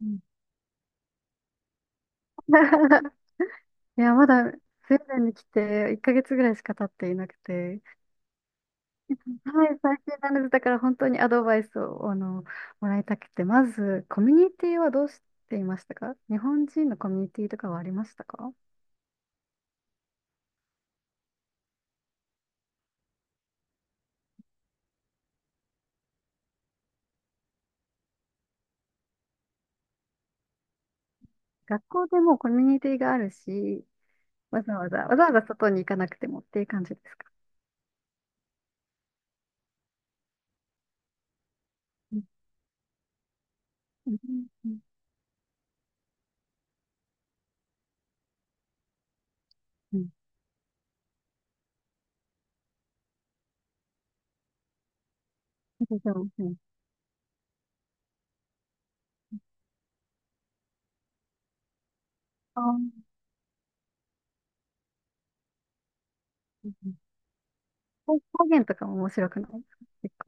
うん。 いや、まだスウェーデンに来て1ヶ月ぐらいしか経っていなくて、はい、最近なので、だから本当にアドバイスをもらいたくて、まず、コミュニティはどうしていましたか？日本人のコミュニティとかはありましたか？学校でもコミュニティがあるし、わざわざ外に行かなくてもっていう感じですか？うん。うん。うん。うん。そうそうそう。あー。うんうん。方言とかも面白くないですか？結構。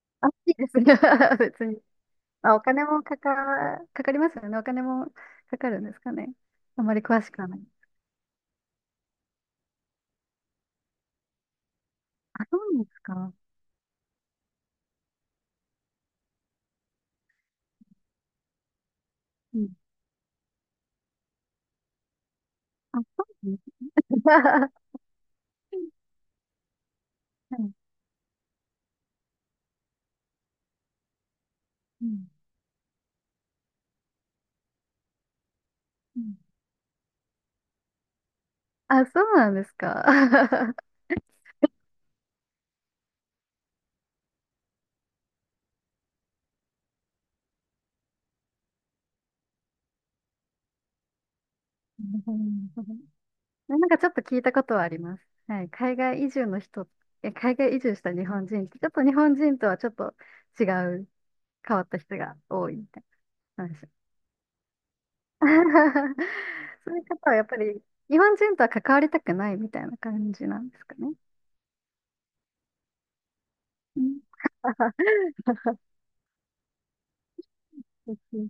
あ、いいですね。 別に。まあ、お金もかかりますよね。お金もかかるんですかね。あまり詳しくはない。あ、そうなんですか。うん。あ、そうなんですか。はい。うんうん。あ、そうなんですか。なるほどなるほど。なんかちょっと聞いたことはあります。はい。海外移住の人、海外移住した日本人って、ちょっと日本人とはちょっと違う、変わった人が多いみたいな話。そういう方はやっぱり日本人とは関わりたくないみたいな感じなんですかね。うん、うんうん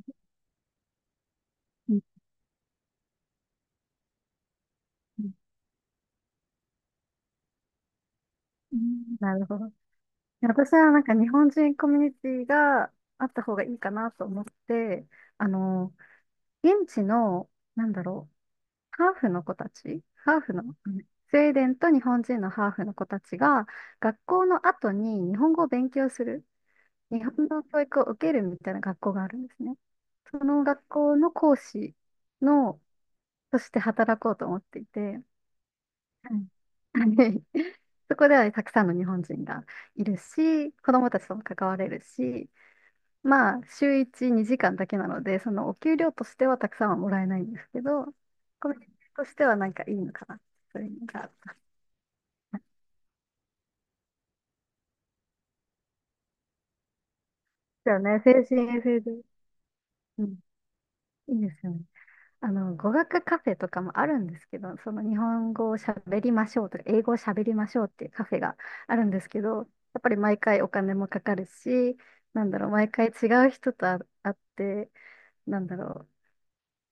うんうん、なるほど。私はなんか日本人コミュニティがあった方がいいかなと思って、あの、現地の、なんだろう、ハーフの子たち、ハーフの、うん、スウェーデンと日本人のハーフの子たちが、学校の後に日本語を勉強する、日本の教育を受けるみたいな学校があるんですね。その学校の講師の、として働こうと思っていて、はい。 そこではたくさんの日本人がいるし、子どもたちとも関われるし、まあ、週1、2時間だけなので、そのお給料としてはたくさんはもらえないんですけど、コミュニティとしてはなんかいいのかな、そういうのが。ですよね、精神衛生上。うん、いいですよね。語学カフェとかもあるんですけど、その日本語を喋りましょうとか、英語を喋りましょうっていうカフェがあるんですけど、やっぱり毎回お金もかかるし、なんだろう、毎回違う人と会って、なんだろ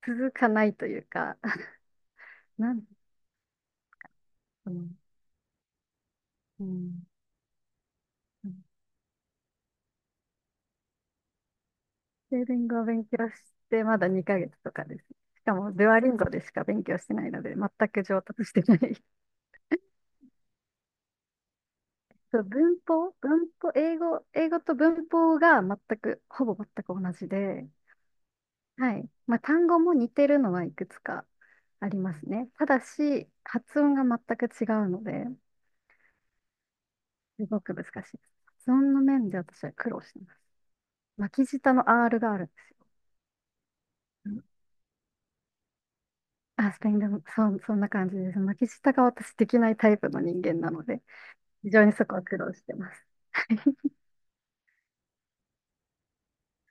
う、続かないというか、なんだろう。うん、スウェーデン語を勉強してまだ2ヶ月とかです。しかも、デュアリンゴでしか勉強してないので、全く上達してない。そう文法、英語と文法が全く、ほぼ全く同じで、はい。まあ、単語も似てるのはいくつかありますね。ただし、発音が全く違うので、すごく難しいです。発音の面で私は苦労してます。巻き舌の R があるんですよ。うん。あ、スペイン語も、そう、そんな感じです。巻き舌が私できないタイプの人間なので、非常にそこは苦労してます。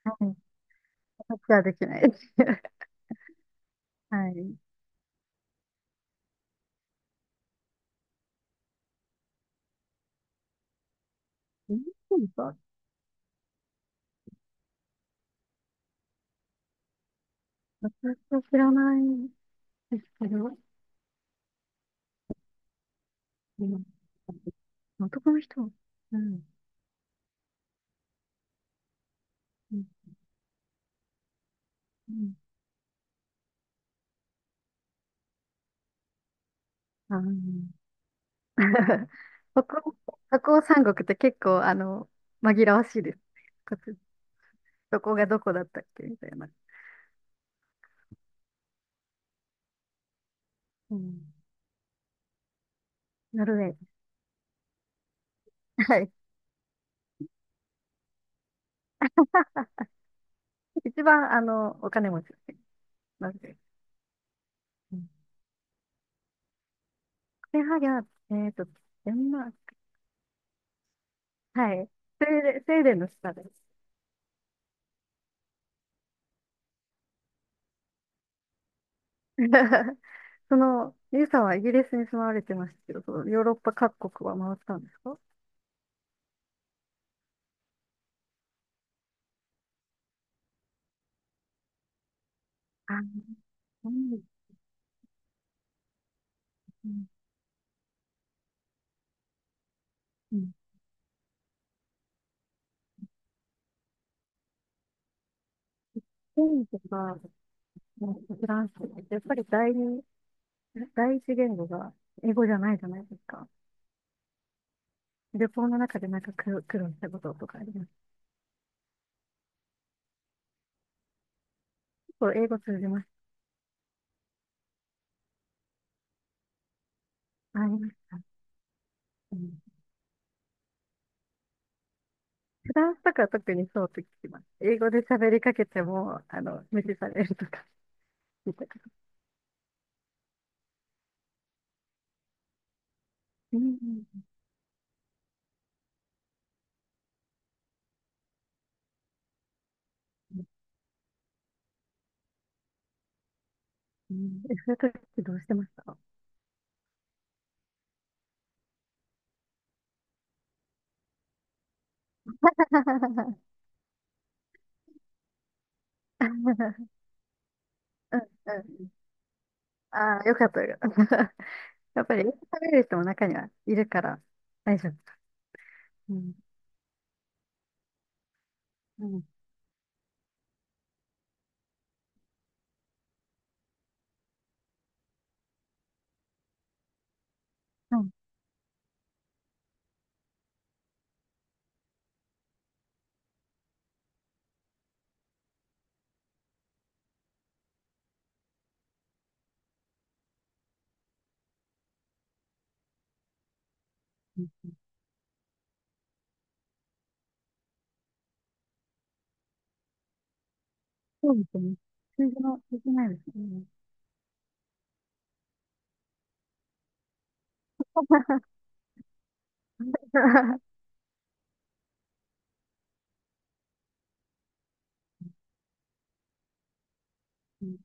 はい。私はできないです。はい。うん、私は知らないですけど、うん、男の人、うん、うん、うん、あの、北欧、北欧三国って結構、紛らわしいです。こどこがどこだったっけみたいな。うん、ノルウェー。はい。一番、お金持ちですね。ノルウェー。うん、コペンハーゲンは、えっと、デンマーク。はい。スウェーデンの下です。ゆうさんはイギリスに住まわれてましたけど、そのヨーロッパ各国は回ったんですか？あ、そうですね。うん。スペインとか、フランスとかってやっぱり第二、第一言語が英語じゃないじゃないですか。旅行の中でなんか苦労したこととかあります。結構英語通じます。ありました。うん。フランスとかは特にそうと聞きます。英語で喋りかけても、無視されるとか聞いたこと。うんうんうんうん、そういう時どうしてました？ うんうん。ああー、よかったよかった。やっぱり、食べれる人も中にはいるから、大丈夫。うん。うん。うん。うん、そうですね。通常のできないですね。うん、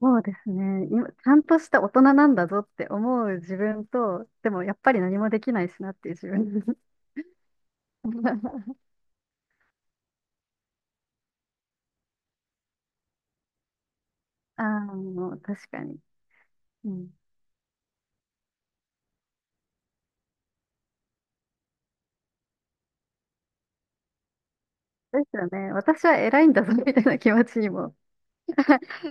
そうですね。今、ちゃんとした大人なんだぞって思う自分と、でもやっぱり何もできないしなっていう自分。ああ、もう確かに。うん。ですよね。私は偉いんだぞみたいな気持ちにも。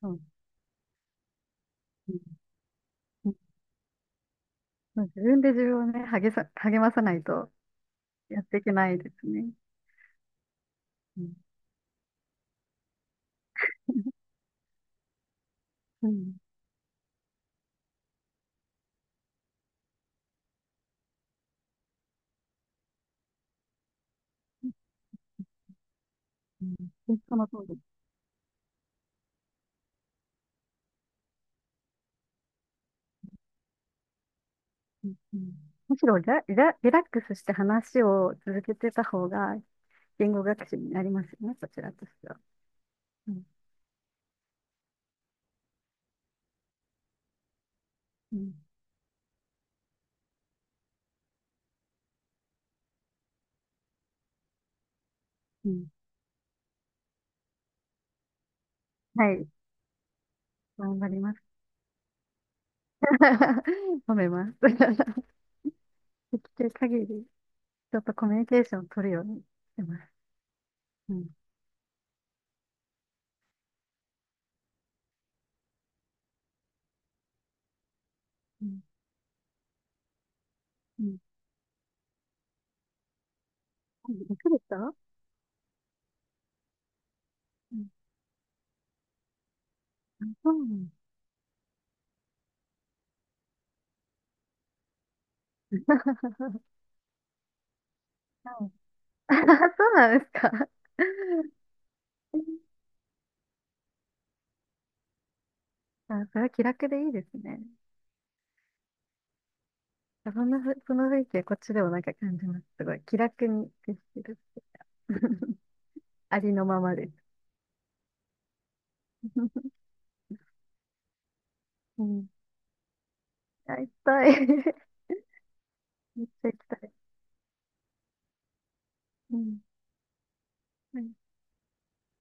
そうん。まあ自分で自分をね、励まさないとやっていけないですね。うん。うん。うん、その通り。うんうん、むしろリラックスして話を続けてた方が言語学習になりますよね、そちらとしては。うん、うんうん、はい、頑張ります。褒めます。できる限り、ちょっとコミュニケーションを取るようにしてます。うん。うんうん、できる人。うん。そうなんだ。 はい。 そうなんですか。あ、それは気楽でいいですね。そんなふ、その雰囲気はこっちでもなんか感じます。すごい。気楽に接してる。ありのままです。うん。あ、行きたい。めっちゃ行きたい。うん。